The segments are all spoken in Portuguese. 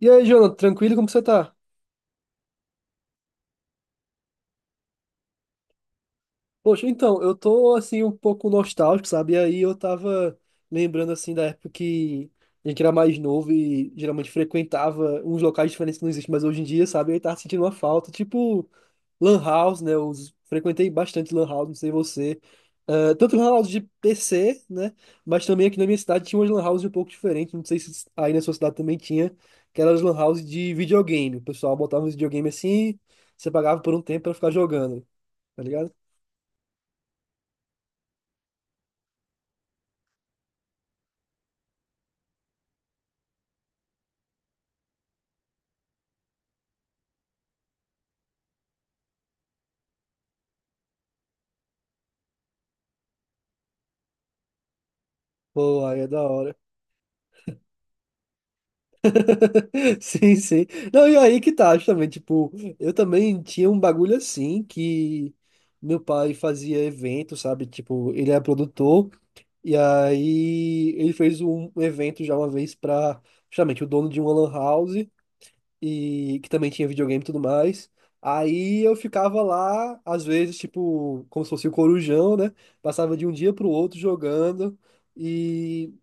E aí, Jonathan, tranquilo? Como você tá? Poxa, então, eu tô assim um pouco nostálgico, sabe? E aí eu tava lembrando assim da época que a gente era mais novo e geralmente frequentava uns locais diferentes que não existem mais hoje em dia, sabe? E aí tava sentindo uma falta, tipo Lan House, né? Eu frequentei bastante Lan House, não sei você. Ah, tanto Lan House de PC, né? Mas também aqui na minha cidade tinha umas Lan House um pouco diferentes, não sei se aí na sua cidade também tinha, que eram as Lan House de videogame. O pessoal botava um videogame assim, você pagava por um tempo pra ficar jogando, tá ligado? Pô, aí é da hora. Sim, sim. Não, e aí que tá, justamente, tipo, eu também tinha um bagulho assim que meu pai fazia evento, sabe? Tipo, ele é produtor, e aí ele fez um evento já uma vez pra, justamente, o dono de uma lan house, e que também tinha videogame e tudo mais. Aí eu ficava lá, às vezes, tipo, como se fosse o corujão, né? Passava de um dia pro outro jogando. e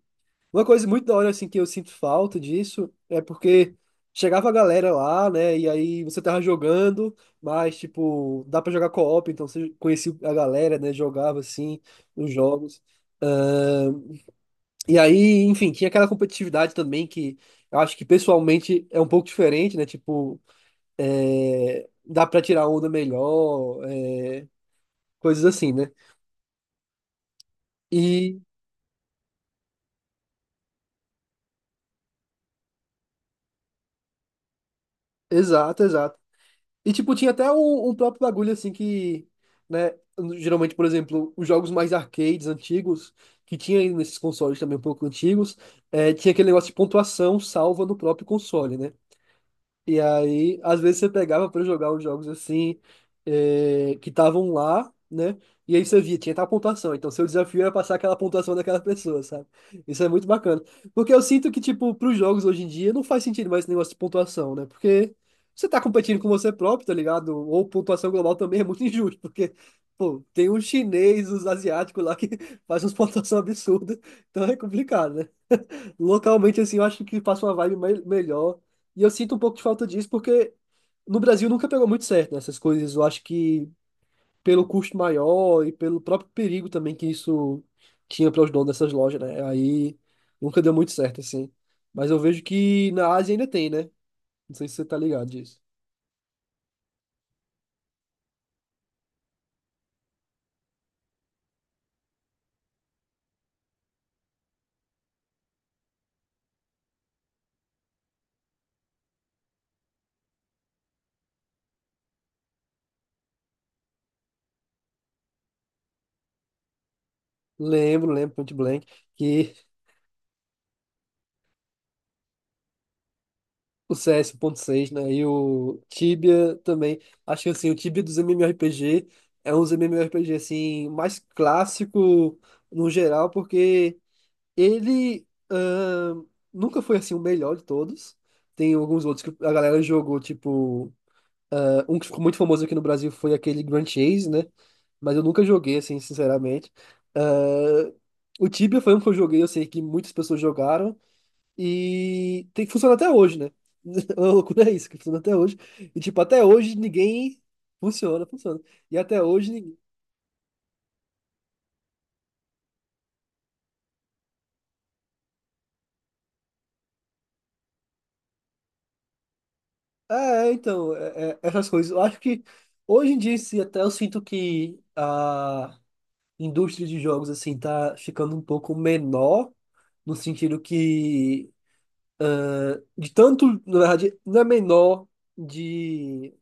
Uma coisa muito da hora, assim, que eu sinto falta disso é porque chegava a galera lá, né? E aí você tava jogando, mas, tipo, dá pra jogar co-op, então você conhecia a galera, né? Jogava, assim, os jogos. E aí, enfim, tinha aquela competitividade também que eu acho que pessoalmente é um pouco diferente, né? Tipo, é, dá pra tirar onda melhor, é, coisas assim, né? E. Exato, exato. E, tipo, tinha até um próprio bagulho, assim, que, né, geralmente, por exemplo, os jogos mais arcades antigos, que tinha aí nesses consoles também um pouco antigos, tinha aquele negócio de pontuação salva no próprio console, né? E aí, às vezes você pegava pra jogar os jogos assim, que estavam lá, né? E aí você via, tinha tal pontuação. Então, seu desafio era passar aquela pontuação daquela pessoa, sabe? Isso é muito bacana. Porque eu sinto que, tipo, pros jogos hoje em dia, não faz sentido mais esse negócio de pontuação, né? Porque você tá competindo com você próprio, tá ligado? Ou pontuação global também é muito injusto, porque, pô, tem um chinês, os asiáticos lá que faz umas pontuação absurda. Então é complicado, né? Localmente, assim, eu acho que passa uma vibe melhor. E eu sinto um pouco de falta disso, porque no Brasil nunca pegou muito certo nessas coisas. Eu acho que pelo custo maior e pelo próprio perigo também que isso tinha para os donos dessas lojas, né? Aí nunca deu muito certo, assim. Mas eu vejo que na Ásia ainda tem, né? Não sei se você tá ligado disso. Lembro, lembro, Point Blank, que o CS seis né? E o Tibia também. Acho que assim, o Tibia dos MMORPG é um dos MMORPG assim, mais clássico no geral, porque ele nunca foi assim o melhor de todos. Tem alguns outros que a galera jogou, tipo, ah, um que ficou muito famoso aqui no Brasil foi aquele Grand Chase, né? Mas eu nunca joguei, assim, sinceramente. Ah, o Tibia foi um que eu joguei, eu sei que muitas pessoas jogaram. E tem que funcionar até hoje, né? A loucura é isso, que funciona até hoje. E, tipo, até hoje ninguém funciona, funciona. E até hoje ninguém. É, então, essas coisas. Eu acho que hoje em dia, em si, até eu sinto que a indústria de jogos, assim, tá ficando um pouco menor, no sentido que, de tanto, na verdade, não é menor de.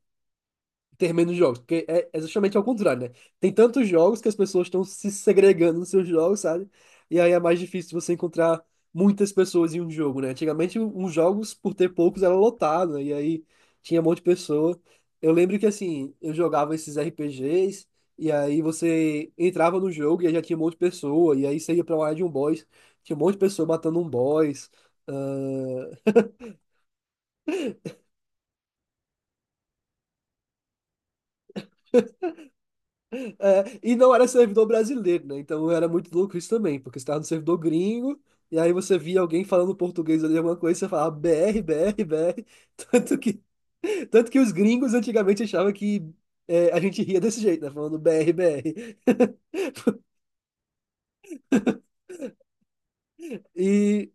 Ter menos jogos, porque é justamente ao contrário, né? Tem tantos jogos que as pessoas estão se segregando nos seus jogos, sabe? E aí é mais difícil você encontrar muitas pessoas em um jogo, né? Antigamente, os jogos, por ter poucos, era lotado, né? E aí tinha um monte de pessoa. Eu lembro que, assim, eu jogava esses RPGs, e aí você entrava no jogo e aí já tinha um monte de pessoa, e aí você ia pra uma área de um boss, tinha um monte de pessoa matando um boss. É, e não era servidor brasileiro, né? Então era muito louco isso também, porque você estava no servidor gringo, e aí você via alguém falando português ali, alguma coisa, e você falava BR, BR, BR. Tanto que, tanto que os gringos antigamente achavam que é, a gente ria desse jeito, né? Falando BR, BR. E,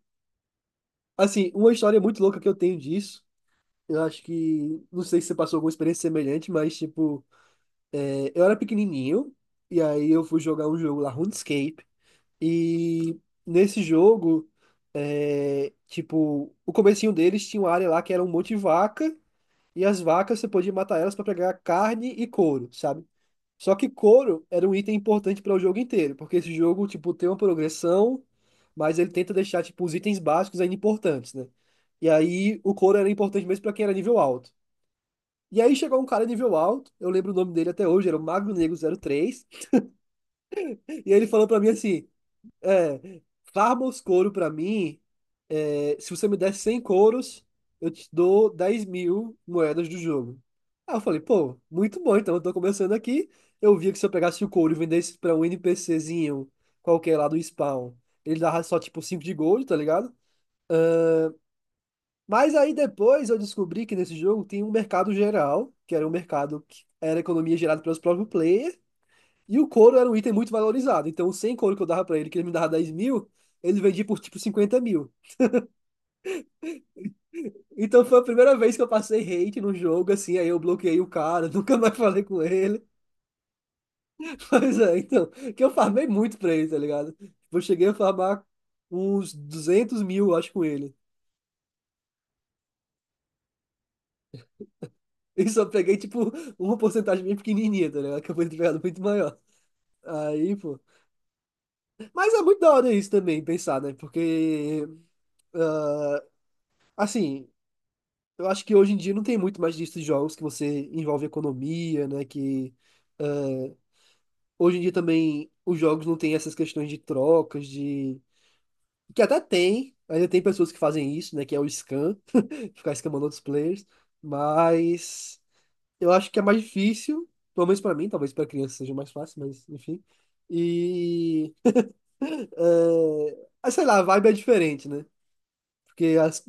assim, uma história muito louca que eu tenho disso. Eu acho que, não sei se você passou alguma experiência semelhante, mas, tipo, é, eu era pequenininho, e aí eu fui jogar um jogo lá, RuneScape, e nesse jogo. É, tipo, o comecinho deles tinha uma área lá que era um monte de vaca, e as vacas você podia matar elas para pegar carne e couro, sabe? Só que couro era um item importante para o jogo inteiro, porque esse jogo, tipo, tem uma progressão, mas ele tenta deixar, tipo, os itens básicos ainda importantes, né? E aí o couro era importante mesmo para quem era nível alto. E aí chegou um cara nível alto, eu lembro o nome dele até hoje, era o Magro Negro zero três e ele falou para mim assim, é, farma os couro para mim. É, se você me der 100 couros, eu te dou 10 mil moedas do jogo. Aí eu falei, pô, muito bom, então eu tô começando aqui. Eu via que se eu pegasse o couro e vendesse pra um NPCzinho qualquer lá do spawn, ele dava só tipo 5 de gold, tá ligado? Mas aí depois eu descobri que nesse jogo tem um mercado geral, que era um mercado que era economia gerada pelos próprios players, e o couro era um item muito valorizado. Então, os 100 couro que eu dava pra ele, que ele me dava 10 mil, ele vendia por tipo 50 mil. Então foi a primeira vez que eu passei hate no jogo, assim, aí eu bloqueei o cara, nunca mais falei com ele. Mas é, então, que eu farmei muito pra ele, tá ligado? Tipo, eu cheguei a farmar uns 200.000, acho, com ele. E só peguei, tipo, uma porcentagem bem pequenininha, tá ligado? Que eu fui entregado muito maior. Aí, pô. Mas é muito da hora isso também, pensar, né? Porque, ah, assim, eu acho que hoje em dia não tem muito mais disso de jogos que você envolve economia, né? Que hoje em dia também os jogos não têm essas questões de trocas, de. Que até tem, ainda tem pessoas que fazem isso, né? Que é o scan, ficar scamando outros players. Mas eu acho que é mais difícil, pelo menos pra mim, talvez pra criança seja mais fácil, mas enfim. E. É... ah, sei lá, a vibe é diferente, né? Porque as.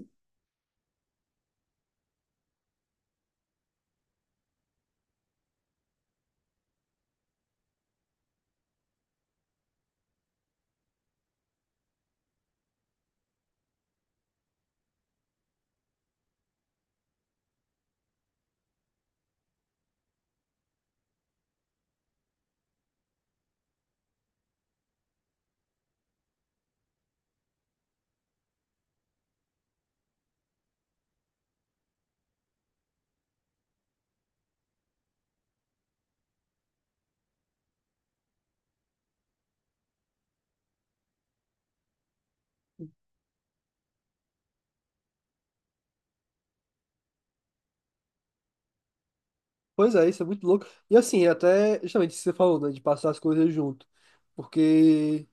Pois é, isso é muito louco. E assim, até justamente isso que você falou, né? De passar as coisas junto. Porque.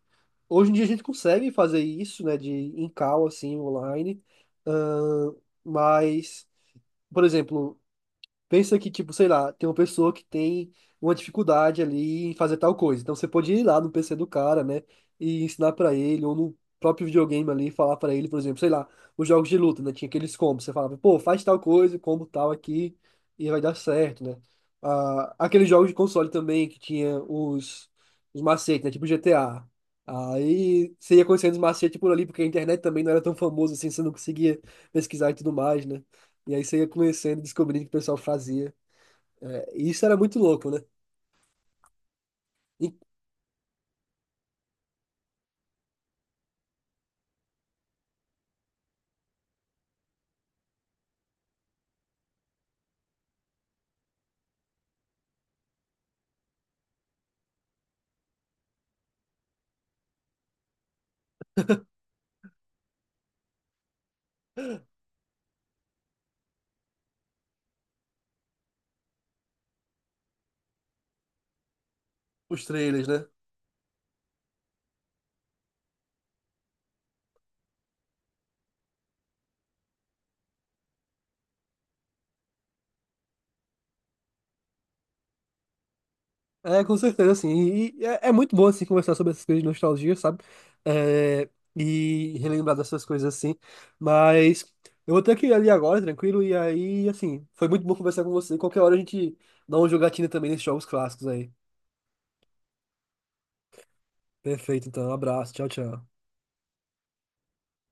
Hoje em dia a gente consegue fazer isso, né, de em call, assim, online, Ahn, mas, por exemplo, pensa que, tipo, sei lá, tem uma pessoa que tem uma dificuldade ali em fazer tal coisa. Então você pode ir lá no PC do cara, né? E ensinar pra ele, ou no próprio videogame ali, falar pra ele, por exemplo, sei lá, os jogos de luta, né? Tinha aqueles combos. Você falava, pô, faz tal coisa, combo tal aqui, e vai dar certo, né? Ah, aqueles jogos de console também, que tinha os macetes, né? Tipo GTA. Aí você ia conhecendo os macetes por ali, porque a internet também não era tão famosa assim, você não conseguia pesquisar e tudo mais, né? E aí você ia conhecendo e descobrindo o que o pessoal fazia. É, e isso era muito louco, né? E os trailers, né? É, com certeza, assim. E, é muito bom, assim, conversar sobre essas coisas de nostalgia, sabe? É, e relembrar dessas coisas, assim. Mas eu vou ter que ir ali agora, tranquilo. E aí, assim, foi muito bom conversar com você. Qualquer hora a gente dá uma jogatina também nesses jogos clássicos aí. Perfeito, então. Um abraço. Tchau, tchau.